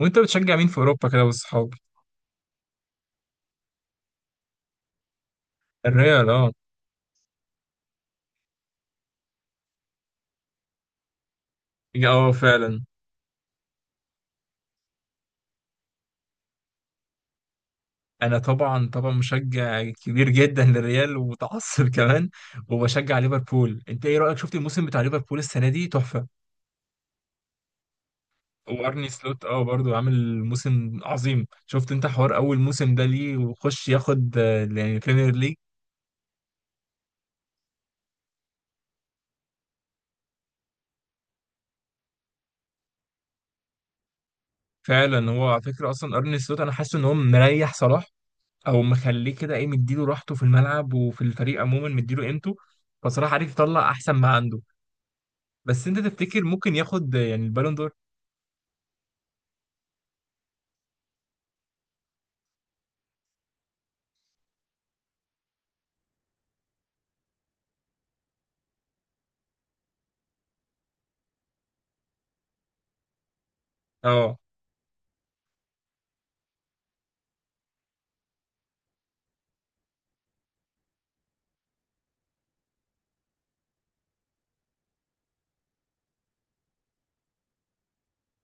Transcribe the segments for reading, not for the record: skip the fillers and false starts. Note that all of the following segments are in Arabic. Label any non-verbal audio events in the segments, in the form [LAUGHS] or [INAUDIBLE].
وانت بتشجع مين في اوروبا كده والصحاب؟ الريال، اه. اه، فعلا. انا طبعا طبعا مشجع كبير جدا للريال ومتعصب [LAUGHS] كمان. وبشجع ليفربول. انت ايه رايك؟ شفت الموسم بتاع ليفربول السنه دي؟ تحفه. وارني سلوت، برضو عامل موسم عظيم. شفت انت حوار اول موسم ده ليه وخش ياخد يعني بريمير ليج. فعلا، هو على فكره اصلا ارني سلوت انا حاسس ان هو مريح صلاح، او مخليه كده، ايه، مديله راحته في الملعب وفي الفريق عموما مديله قيمته. فصراحه عارف يطلع احسن ما عنده. بس انت تفتكر ممكن ياخد يعني البالون دور؟ اه.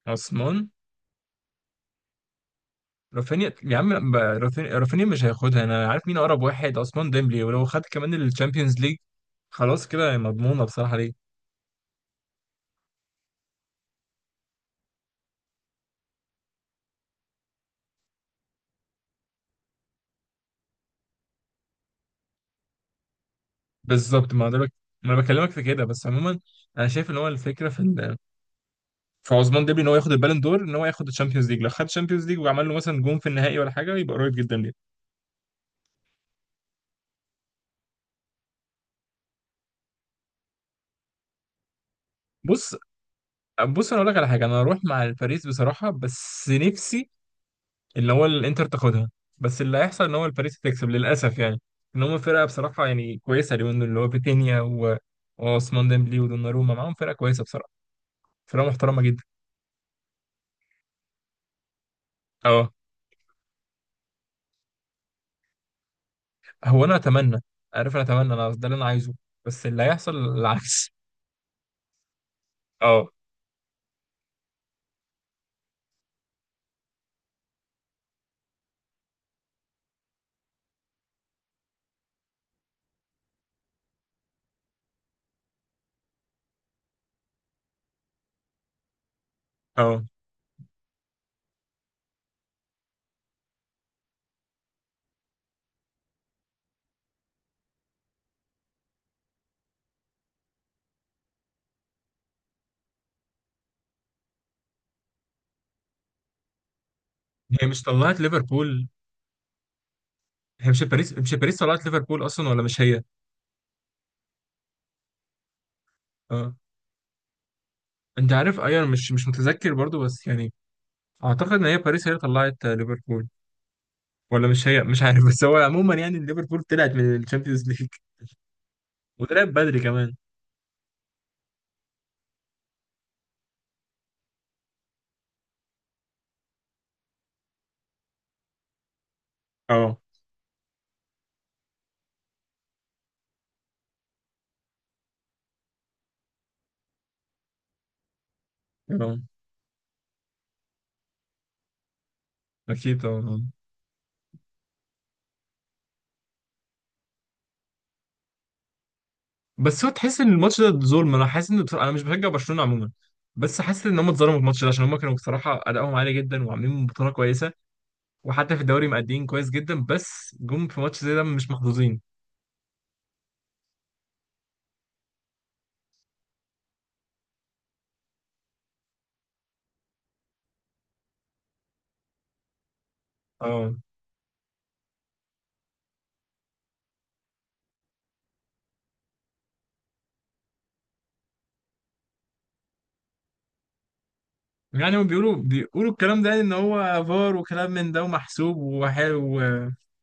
عثمان. رافينيا، يا عم، رافينيا مش هياخدها. انا عارف مين اقرب واحد، عثمان ديمبلي. ولو خد كمان الشامبيونز ليج خلاص كده مضمونه بصراحه ليه. بالظبط. ما ده ما انا بكلمك في كده، بس عموما انا شايف ان هو الفكره في عثمان ديمبلي ان هو ياخد البالون دور، ان هو ياخد الشامبيونز ليج. لو خد الشامبيونز ليج وعمل له مثلا جون في النهائي ولا حاجه يبقى قريب جدا ليه. بص، بص، انا اقول لك على حاجه، انا هروح مع الباريس بصراحه، بس نفسي اللي هو الانتر تاخدها. بس اللي هيحصل ان هو الباريس تكسب للاسف، يعني ان هم فرقه بصراحه يعني كويسه اليومين دول، اللي هو فيتينيا وعثمان ديمبلي ودوناروما، معاهم فرقه كويسه بصراحه. فرقه محترمه جدا. اه. هو انا اتمنى، عارف، انا اتمنى انا، ده اللي انا عايزه. بس اللي هيحصل العكس. [LAUGHS] اه. اه، هي مش طلعت ليفربول؟ هي مش باريس طلعت ليفربول اصلا، ولا مش هي؟ اه. انت عارف، ايوه، أنا مش متذكر برضو، بس يعني اعتقد ان هي باريس هي اللي طلعت ليفربول، ولا مش هي، مش عارف [LAUGHS] بس هو عموما يعني ليفربول طلعت من الشامبيونز ليج وطلعت بدري كمان. اه. اه، اكيد طبعا. بس هو تحس ان الماتش ده ظلم، انا حاسس ان بصراحه انا مش بشجع برشلونه عموما، بس حاسس ان هم اتظلموا في الماتش ده عشان هم كانوا بصراحه ادائهم عالي جدا وعاملين بطوله كويسه، وحتى في الدوري مأديين كويس جدا، بس جم في ماتش زي ده مش محظوظين. اه، يعني هم بيقولوا الكلام ده، يعني ان هو فار وكلام من ده ومحسوب وحلو،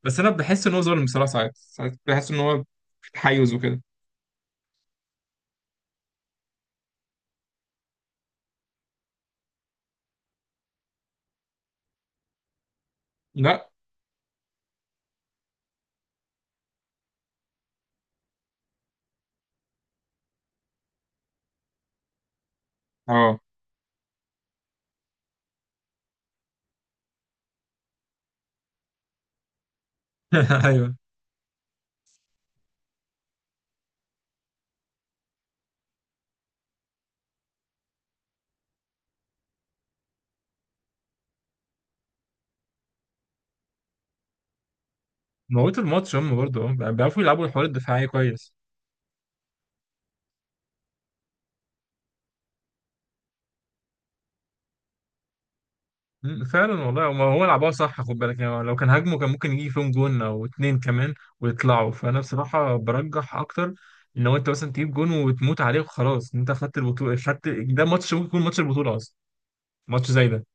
بس انا بحس ان هو ظلم بصراحه. ساعات ساعات بحس ان هو في تحيز وكده. لا. اه. [LAUGHS] ايوه. موتوا الماتش. هم برضه بيعرفوا يلعبوا الحوار الدفاعي كويس. فعلا والله. هو هو لعبها صح، خد بالك، يعني لو كان هاجموا كان ممكن يجي فيهم جون او اتنين كمان ويطلعوا. فانا بصراحه برجح اكتر ان هو انت مثلا تجيب جون وتموت عليه وخلاص، انت خدت البطوله، خدت. ده ماتش ممكن يكون ماتش البطوله اصلا، ماتش زي ده.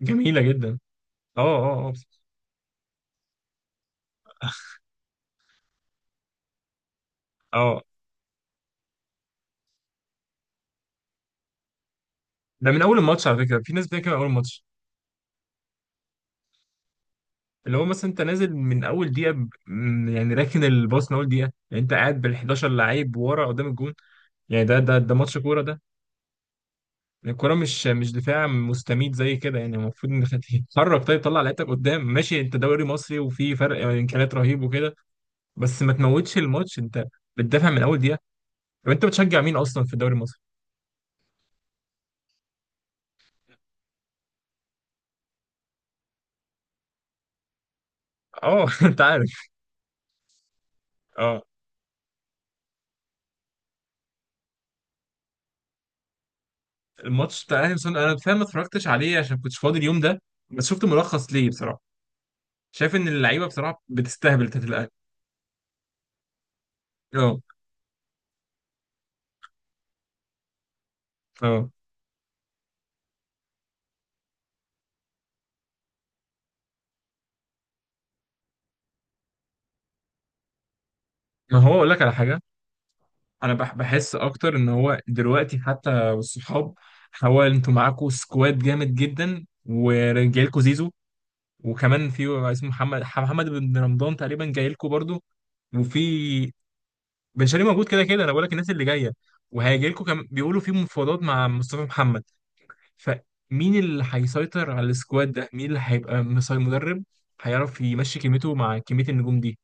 جميله جدا. اه، اه، اه، اه. ده من اول الماتش على فكره، في ناس بتتكلم من اول الماتش. اللي هو مثلا انت نازل من اول دقيقه، يعني راكن الباص من اول دقيقه، يعني انت قاعد بال 11 لعيب ورا قدام الجون. يعني ده ماتش كوره ده؟ يعني الكوره مش دفاع مستميت زي كده، يعني المفروض انك تتحرك. طيب طلع لعيبتك قدام، ماشي انت دوري مصري وفي فرق امكانيات رهيب وكده، بس ما تموتش الماتش. انت بتدافع من اول دقيقه. طب انت بتشجع مين اصلا في الدوري المصري؟ اه [LAUGHS] انت عارف. اه. الماتش بتاع الاهلي انا فاهم، ما اتفرجتش عليه عشان كنتش فاضي اليوم ده، بس شفت ملخص ليه بصراحه. شايف ان اللعيبه بصراحه بتستهبل، بتاعت الاهلي. اه، اه. ما هو اقول لك على حاجه، انا بحس اكتر ان هو دلوقتي، حتى والصحاب، هو انتوا معاكوا سكواد جامد جدا، ورجالكوا زيزو، وكمان في اسمه محمد بن رمضان تقريبا جاي لكم برضو، وفي بن شرقي موجود. كده كده انا بقول لك الناس اللي جايه وهيجي لكم كمان، بيقولوا في مفاوضات مع مصطفى محمد. فمين اللي هيسيطر على السكواد ده؟ مين اللي هيبقى مسيطر، مدرب هيعرف يمشي كلمته مع كميه النجوم دي؟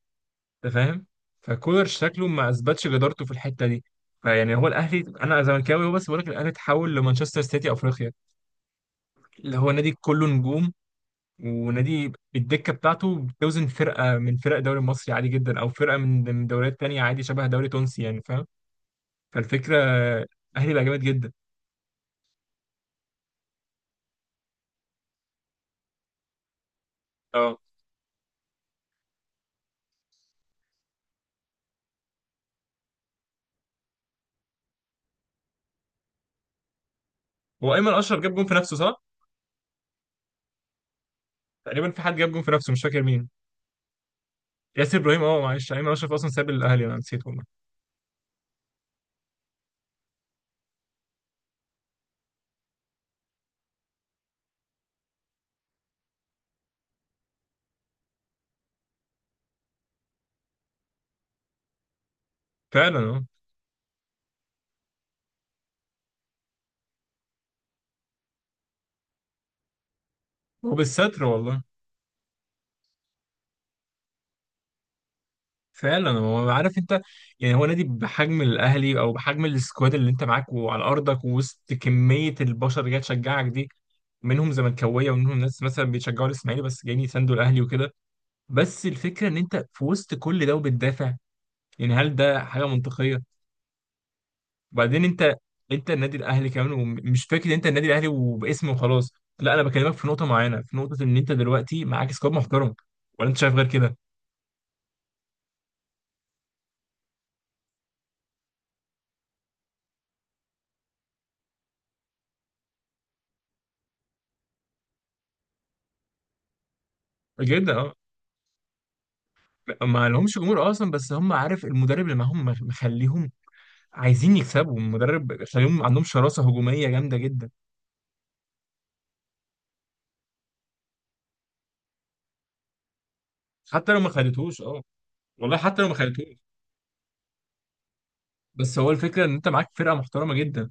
انت فاهم. فكولر شكله ما اثبتش جدارته في الحته دي. فيعني هو الاهلي، انا زملكاوي هو، بس بقول لك الاهلي اتحول لمانشستر سيتي افريقيا، اللي هو نادي كله نجوم، ونادي الدكه بتاعته بتوزن فرقه من فرق الدوري المصري عادي جدا، او فرقه من دوريات تانية، عادي شبه دوري تونسي، يعني فاهم. فالفكره الاهلي بقى جامد جدا. اه. هو ايمن اشرف جاب جون في نفسه، صح؟ تقريبا في حد جاب جون في نفسه، مش فاكر مين. ياسر ابراهيم، اه، معلش ايمن اشرف اصلا ساب الاهلي، انا نسيت والله. فعلا، اه. وبالستر والله. فعلا. هو، عارف انت، يعني هو نادي بحجم الاهلي او بحجم السكواد اللي انت معاك، وعلى ارضك ووسط كميه البشر اللي جايه تشجعك دي، منهم زملكاويه ومنهم ناس مثلا بيشجعوا الاسماعيلي بس جايين يساندوا الاهلي وكده، بس الفكره ان انت في وسط كل ده وبتدافع. يعني هل ده حاجه منطقيه؟ وبعدين انت، انت النادي الاهلي كمان، ومش فكره انت النادي الاهلي وباسم وخلاص. لا، انا بكلمك في نقطه معينه، في نقطه ان انت دلوقتي معاك سكواد محترم. ولا انت شايف غير كده؟ جدا، اه. ما لهمش جمهور اصلا، بس هم، عارف، المدرب اللي معاهم مخليهم عايزين يكسبوا. المدرب خليهم عندهم شراسه هجوميه جامده جدا. حتى لو ما خدتوش، اه. والله حتى لو ما خدتوش. بس هو الفكره ان انت معاك فرقه محترمه جدا.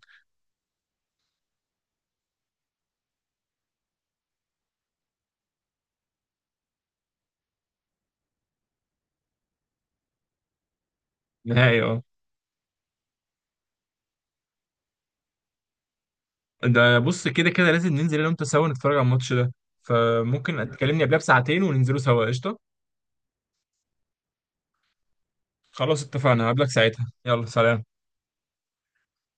نهائي، اه. ده بص، كده كده لازم ننزل انا وانت سوا نتفرج على الماتش ده، فممكن تكلمني قبلها بساعتين وننزلوا سوا، قشطه. خلاص اتفقنا، هقابلك ساعتها، يلا سلام.